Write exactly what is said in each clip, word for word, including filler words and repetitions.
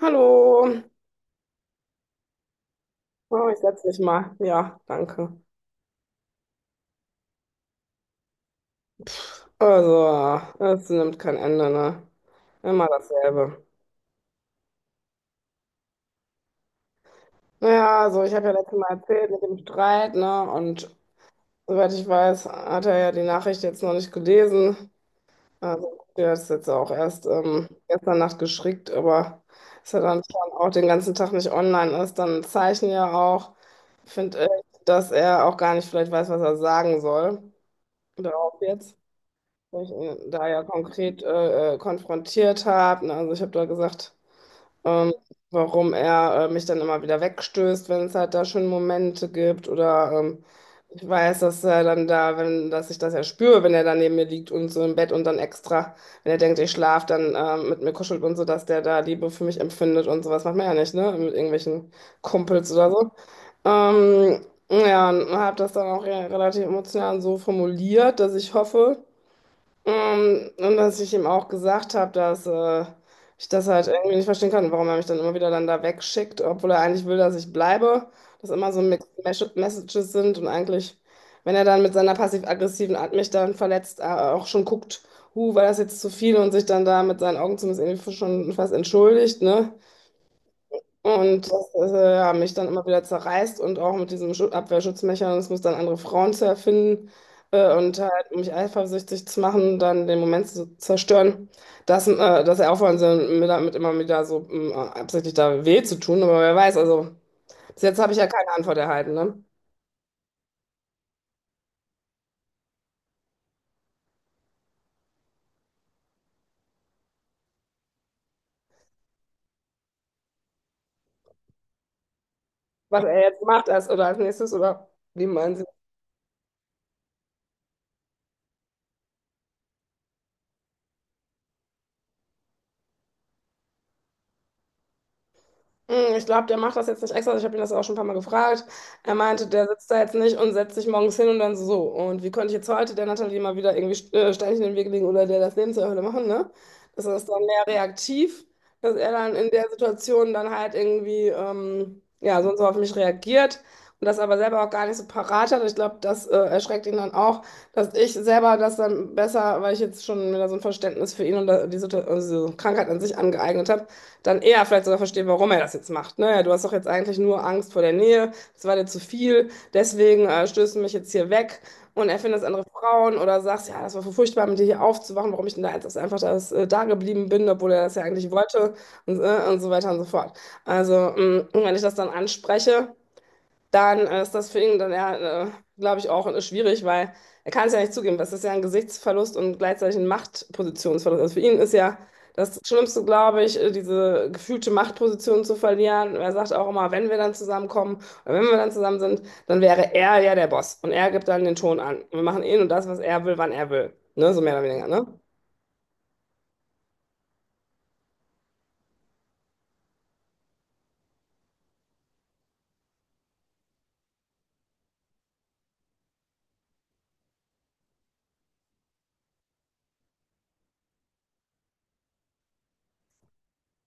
Hallo. Oh, ich setze mich mal. Ja, danke. Also, es nimmt kein Ende, ne? Immer dasselbe. Naja, also ich habe ja letztes Mal erzählt mit dem Streit, ne? Und soweit ich weiß, hat er ja die Nachricht jetzt noch nicht gelesen. Also, der ist jetzt auch erst ähm, gestern Nacht geschickt, aber ist er dann schon auch den ganzen Tag nicht online ist, dann ein Zeichen ja auch. Ich finde, dass er auch gar nicht vielleicht weiß, was er sagen soll. Darauf jetzt, wo ich ihn da ja konkret äh, äh, konfrontiert habe. Ne? Also ich habe da gesagt, ähm, warum er äh, mich dann immer wieder wegstößt, wenn es halt da schon Momente gibt oder ähm, ich weiß, dass er dann da, wenn, dass ich das ja spüre, wenn er da neben mir liegt und so im Bett und dann extra, wenn er denkt, ich schlafe, dann ähm, mit mir kuschelt und so, dass der da Liebe für mich empfindet und sowas macht man ja nicht, ne? Mit irgendwelchen Kumpels oder so. Ähm, ja, und habe das dann auch ja relativ emotional so formuliert, dass ich hoffe, ähm, und dass ich ihm auch gesagt habe, dass äh, ich das halt irgendwie nicht verstehen kann, warum er mich dann immer wieder dann da wegschickt, obwohl er eigentlich will, dass ich bleibe. Dass immer so Mixed Mes- Messages sind und eigentlich, wenn er dann mit seiner passiv-aggressiven Art mich dann verletzt, äh, auch schon guckt, huh, war das jetzt zu viel und sich dann da mit seinen Augen zumindest irgendwie schon fast entschuldigt, ne? Und das äh, ja, mich dann immer wieder zerreißt und auch mit diesem Schu- Abwehrschutzmechanismus dann andere Frauen zu erfinden äh, und halt, um mich eifersüchtig zu machen, dann den Moment zu zerstören, dass, äh, dass er aufhören soll, mir damit immer wieder so mh, absichtlich da weh zu tun. Aber wer weiß, also bis jetzt habe ich ja keine Antwort erhalten, ne? Was er jetzt macht als, oder als nächstes oder wie man. Hm, Ich glaube, der macht das jetzt nicht extra. Ich habe ihn das auch schon ein paar Mal gefragt. Er meinte, der sitzt da jetzt nicht und setzt sich morgens hin und dann so. so. Und wie konnte ich jetzt heute der Natalie mal wieder irgendwie äh, Steinchen in den Weg legen oder der das Leben zur Hölle machen, ne? Das ist dann mehr reaktiv, dass er dann in der Situation dann halt irgendwie, ähm, ja, so und so auf mich reagiert und das aber selber auch gar nicht so parat hat. Ich glaube, das äh, erschreckt ihn dann auch, dass ich selber das dann besser, weil ich jetzt schon wieder so ein Verständnis für ihn und da- die Situ- also Krankheit an sich angeeignet habe dann eher vielleicht sogar verstehe, warum er das jetzt macht. Ne? Ja, du hast doch jetzt eigentlich nur Angst vor der Nähe, das war dir zu viel, deswegen äh, stößt du mich jetzt hier weg und erfindest andere Frauen oder sagst, ja, das war so furchtbar, mit dir hier aufzuwachen, warum ich denn da jetzt einfach das, äh, da geblieben bin, obwohl er das ja eigentlich wollte und, äh, und so weiter und so fort. Also, mh, wenn ich das dann anspreche, dann äh, ist das für ihn dann ja, äh, glaube ich, auch äh, schwierig, weil er kann es ja nicht zugeben. Das ist ja ein Gesichtsverlust und gleichzeitig ein Machtpositionsverlust. Also für ihn ist ja das Schlimmste, glaube ich, äh, diese gefühlte Machtposition zu verlieren. Er sagt auch immer, wenn wir dann zusammenkommen oder wenn wir dann zusammen sind, dann wäre er ja der Boss und er gibt dann den Ton an. Wir machen ihn und das, was er will, wann er will. Ne? So mehr oder weniger, ne?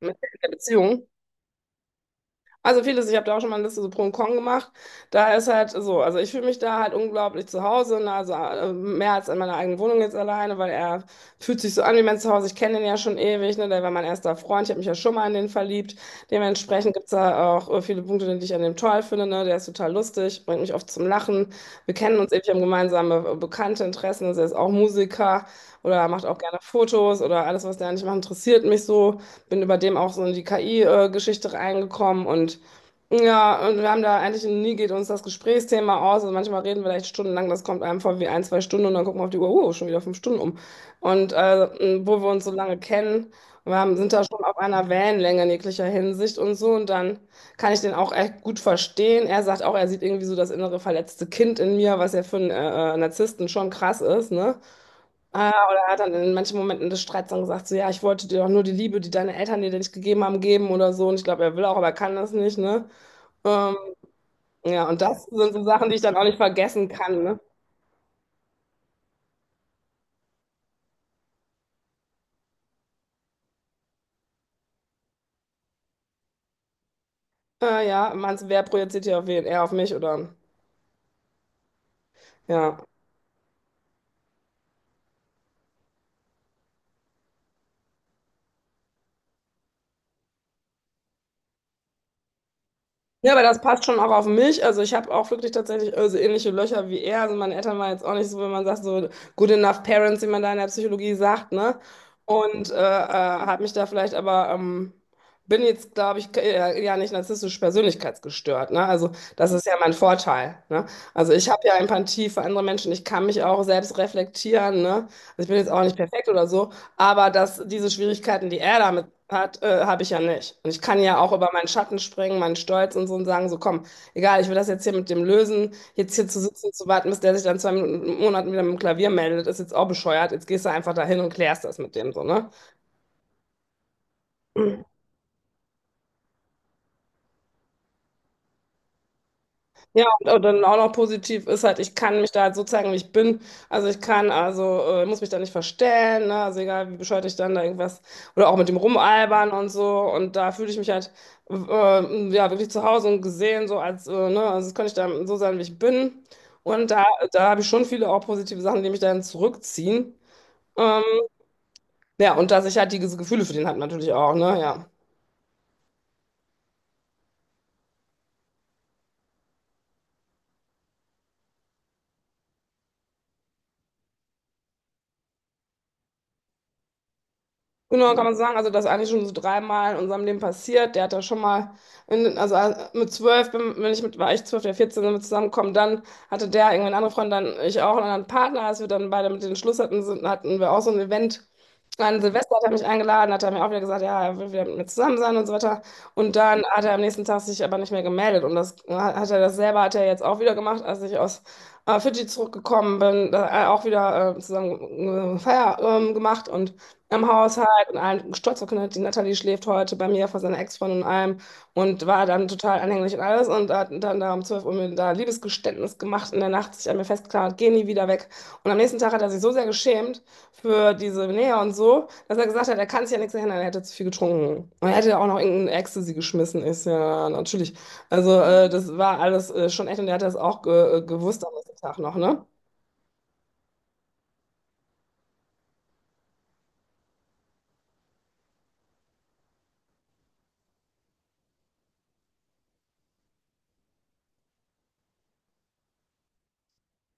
In der Beziehung. Also vieles, ich habe da auch schon mal eine Liste so pro und con gemacht. Da ist halt so, also ich fühle mich da halt unglaublich zu Hause, ne, also äh, mehr als in meiner eigenen Wohnung jetzt alleine, weil er fühlt sich so an wie mein Zuhause. Ich kenne den ja schon ewig, ne, der war mein erster Freund, ich habe mich ja schon mal in den verliebt. Dementsprechend gibt es da auch äh, viele Punkte, die ich an dem toll finde, ne, der ist total lustig, bringt mich oft zum Lachen. Wir kennen uns ewig, haben gemeinsame äh, bekannte Interessen, also er ist auch Musiker oder macht auch gerne Fotos oder alles, was der nicht macht, interessiert mich so. Bin über dem auch so in die K I-Geschichte reingekommen und ja, und wir haben da eigentlich nie geht uns das Gesprächsthema aus. Also manchmal reden wir vielleicht stundenlang, das kommt einem vor wie ein, zwei Stunden und dann gucken wir auf die Uhr, oh, schon wieder fünf Stunden um. Und äh, m, wo wir uns so lange kennen, wir haben, sind da schon auf einer Wellenlänge in jeglicher Hinsicht und so. Und dann kann ich den auch echt gut verstehen. Er sagt auch, er sieht irgendwie so das innere verletzte Kind in mir, was ja für einen äh, äh, Narzissten schon krass ist, ne? Ah, oder er hat dann in manchen Momenten des Streits dann gesagt, so ja, ich wollte dir doch nur die Liebe, die deine Eltern dir nicht gegeben haben, geben oder so. Und ich glaube, er will auch, aber er kann das nicht, ne? Ähm, ja, und das sind so Sachen, die ich dann auch nicht vergessen kann, ne? Äh, ja, meinst du, wer projiziert hier auf wen? Er auf mich oder? Ja. Ja, aber das passt schon auch auf mich. Also ich habe auch wirklich tatsächlich äh, so ähnliche Löcher wie er. Also meine Eltern waren jetzt auch nicht so, wenn man sagt, so good enough parents, wie man da in der Psychologie sagt, ne? Und äh, äh, habe mich da vielleicht aber, ähm, bin jetzt, glaube ich, äh, ja nicht narzisstisch persönlichkeitsgestört, ne? Also das ist ja mein Vorteil, ne? Also ich habe ja Empathie für andere Menschen. Ich kann mich auch selbst reflektieren, ne? Also ich bin jetzt auch nicht perfekt oder so. Aber dass diese Schwierigkeiten, die er damit hat, äh, habe ich ja nicht. Und ich kann ja auch über meinen Schatten springen, meinen Stolz und so und sagen, so komm, egal, ich will das jetzt hier mit dem lösen, jetzt hier zu sitzen, zu warten, bis der sich dann zwei Minuten, Monaten wieder mit dem Klavier meldet, ist jetzt auch bescheuert. Jetzt gehst du einfach dahin und klärst das mit dem so, ne? Ja, und, und dann auch noch positiv ist halt, ich kann mich da halt so zeigen, wie ich bin. Also ich kann, also äh, muss mich da nicht verstellen, ne? Also egal, wie bescheuert ich dann da irgendwas oder auch mit dem Rumalbern und so. Und da fühle ich mich halt äh, ja wirklich zu Hause und gesehen, so als, äh, ne? Also das kann ich dann so sein, wie ich bin. Und da, da habe ich schon viele auch positive Sachen, die mich dann zurückziehen. Ähm, ja, und dass ich halt diese Gefühle für den hat natürlich auch, ne? Ja. Genau, kann man sagen, also das ist eigentlich schon so dreimal in unserem Leben passiert. Der hat da schon mal, in, also äh, mit zwölf, bin, bin ich mit, war ich zwölf, der vierzehn sind wir zusammengekommen. Dann hatte der irgendwie eine andere Freundin, dann ich auch einen anderen Partner. Als wir dann beide mit den Schluss hatten, sind, hatten wir auch so ein Event. An Silvester hat er mich eingeladen, hat er mir auch wieder gesagt, ja, er will wieder mit mir zusammen sein und so weiter. Und dann hat er am nächsten Tag sich aber nicht mehr gemeldet. Und das hat er das selber, hat er jetzt auch wieder gemacht, als ich aus äh, Fidschi zurückgekommen bin, da, äh, auch wieder äh, zusammen äh, Feier ähm, gemacht. Und im Haushalt und allen stolz verkündet, die Natalie schläft heute bei mir vor seiner Ex-Freundin und allem und war dann total anhänglich und alles und hat dann da um zwölf Uhr mir da Liebesgeständnis gemacht in der Nacht, sich an mir festgeklammert, geh nie wieder weg. Und am nächsten Tag hat er sich so sehr geschämt für diese Nähe und so, dass er gesagt hat, er kann sich ja nichts erinnern, er hätte zu viel getrunken. Und er hätte ja auch noch irgendein Ecstasy geschmissen, ist ja natürlich. Also äh, das war alles äh, schon echt und er hat das auch ge gewusst am nächsten Tag noch, ne?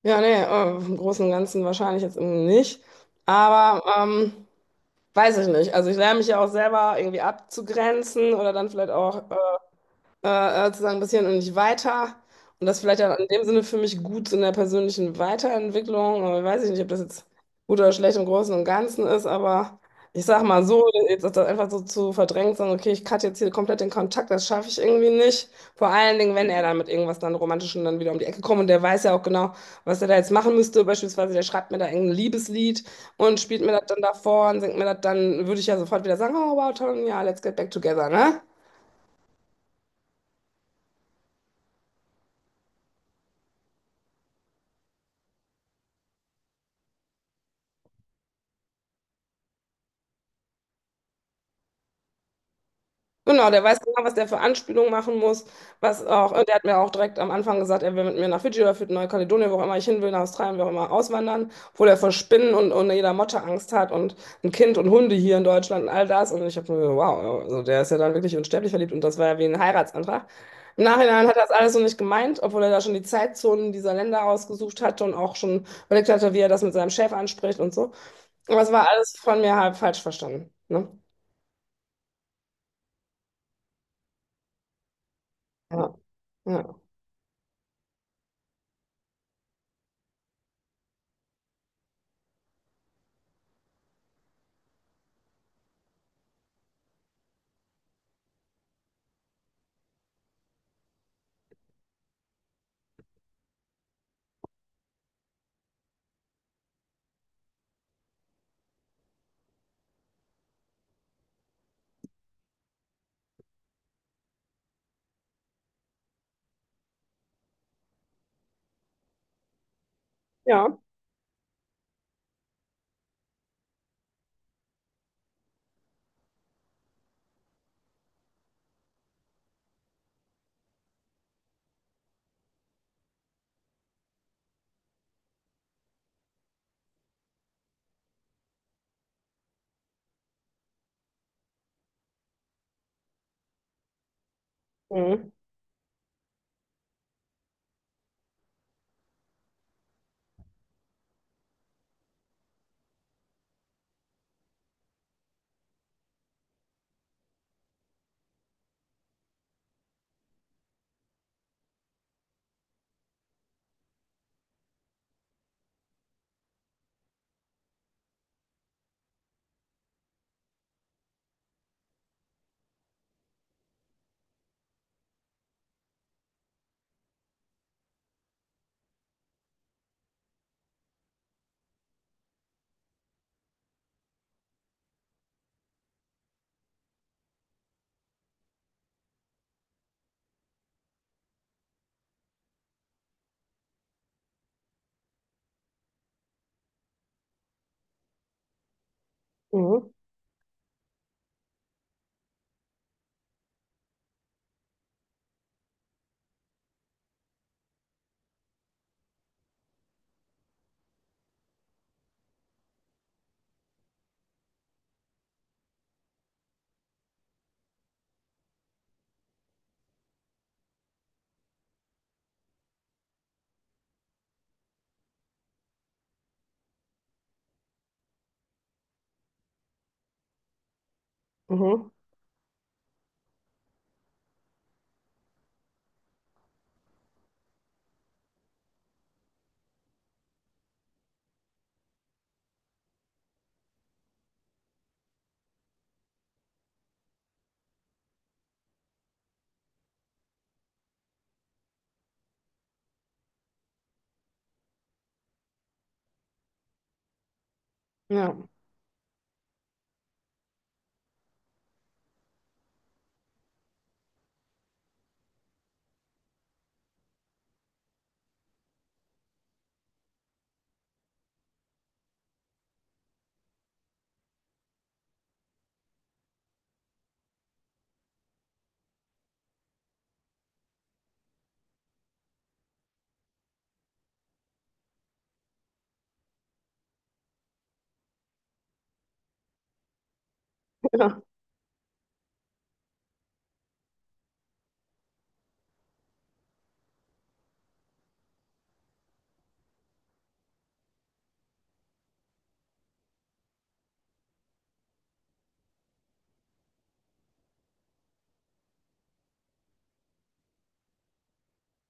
Ja, nee, äh, im Großen und Ganzen wahrscheinlich jetzt irgendwie nicht. Aber ähm, weiß ich nicht. Also ich lerne mich ja auch selber irgendwie abzugrenzen oder dann vielleicht auch äh, äh, zu sagen, bisschen und nicht weiter. Und das vielleicht auch in dem Sinne für mich gut in der persönlichen Weiterentwicklung. Aber weiß ich nicht, ob das jetzt gut oder schlecht im Großen und Ganzen ist, aber ich sag mal so, jetzt ist das einfach so zu verdrängt, sagen, okay, ich cutte jetzt hier komplett den Kontakt, das schaffe ich irgendwie nicht. Vor allen Dingen, wenn er dann mit irgendwas dann Romantischem dann wieder um die Ecke kommt und der weiß ja auch genau, was er da jetzt machen müsste. Beispielsweise, der schreibt mir da irgendein Liebeslied und spielt mir das dann davor und singt mir das, dann würde ich ja sofort wieder sagen, oh wow, toll, ja, let's get back together, ne? Genau, der weiß genau, was der für Anspielungen machen muss, was auch, und der hat mir auch direkt am Anfang gesagt, er will mit mir nach Fidschi oder für Neukaledonien, wo auch immer ich hin will, nach Australien, wo auch immer, auswandern, obwohl er vor Spinnen und, und jeder Motte Angst hat und ein Kind und Hunde hier in Deutschland und all das. Und ich habe mir gedacht, wow, also der ist ja dann wirklich unsterblich verliebt und das war ja wie ein Heiratsantrag. Im Nachhinein hat er das alles so nicht gemeint, obwohl er da schon die Zeitzonen dieser Länder ausgesucht hatte und auch schon überlegt hatte, wie er das mit seinem Chef anspricht und so. Aber es war alles von mir halb falsch verstanden. Ne? Ja. Ja. Ja. Mhm. Mhm. Mhm. Ja. Ja.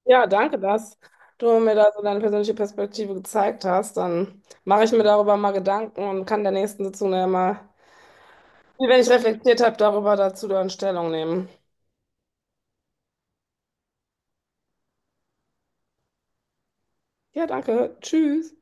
Ja, danke, dass du mir da so deine persönliche Perspektive gezeigt hast. Dann mache ich mir darüber mal Gedanken und kann in der nächsten Sitzung ja mal, wenn ich reflektiert habe, darüber dazu dann Stellung nehmen. Ja, danke. Tschüss.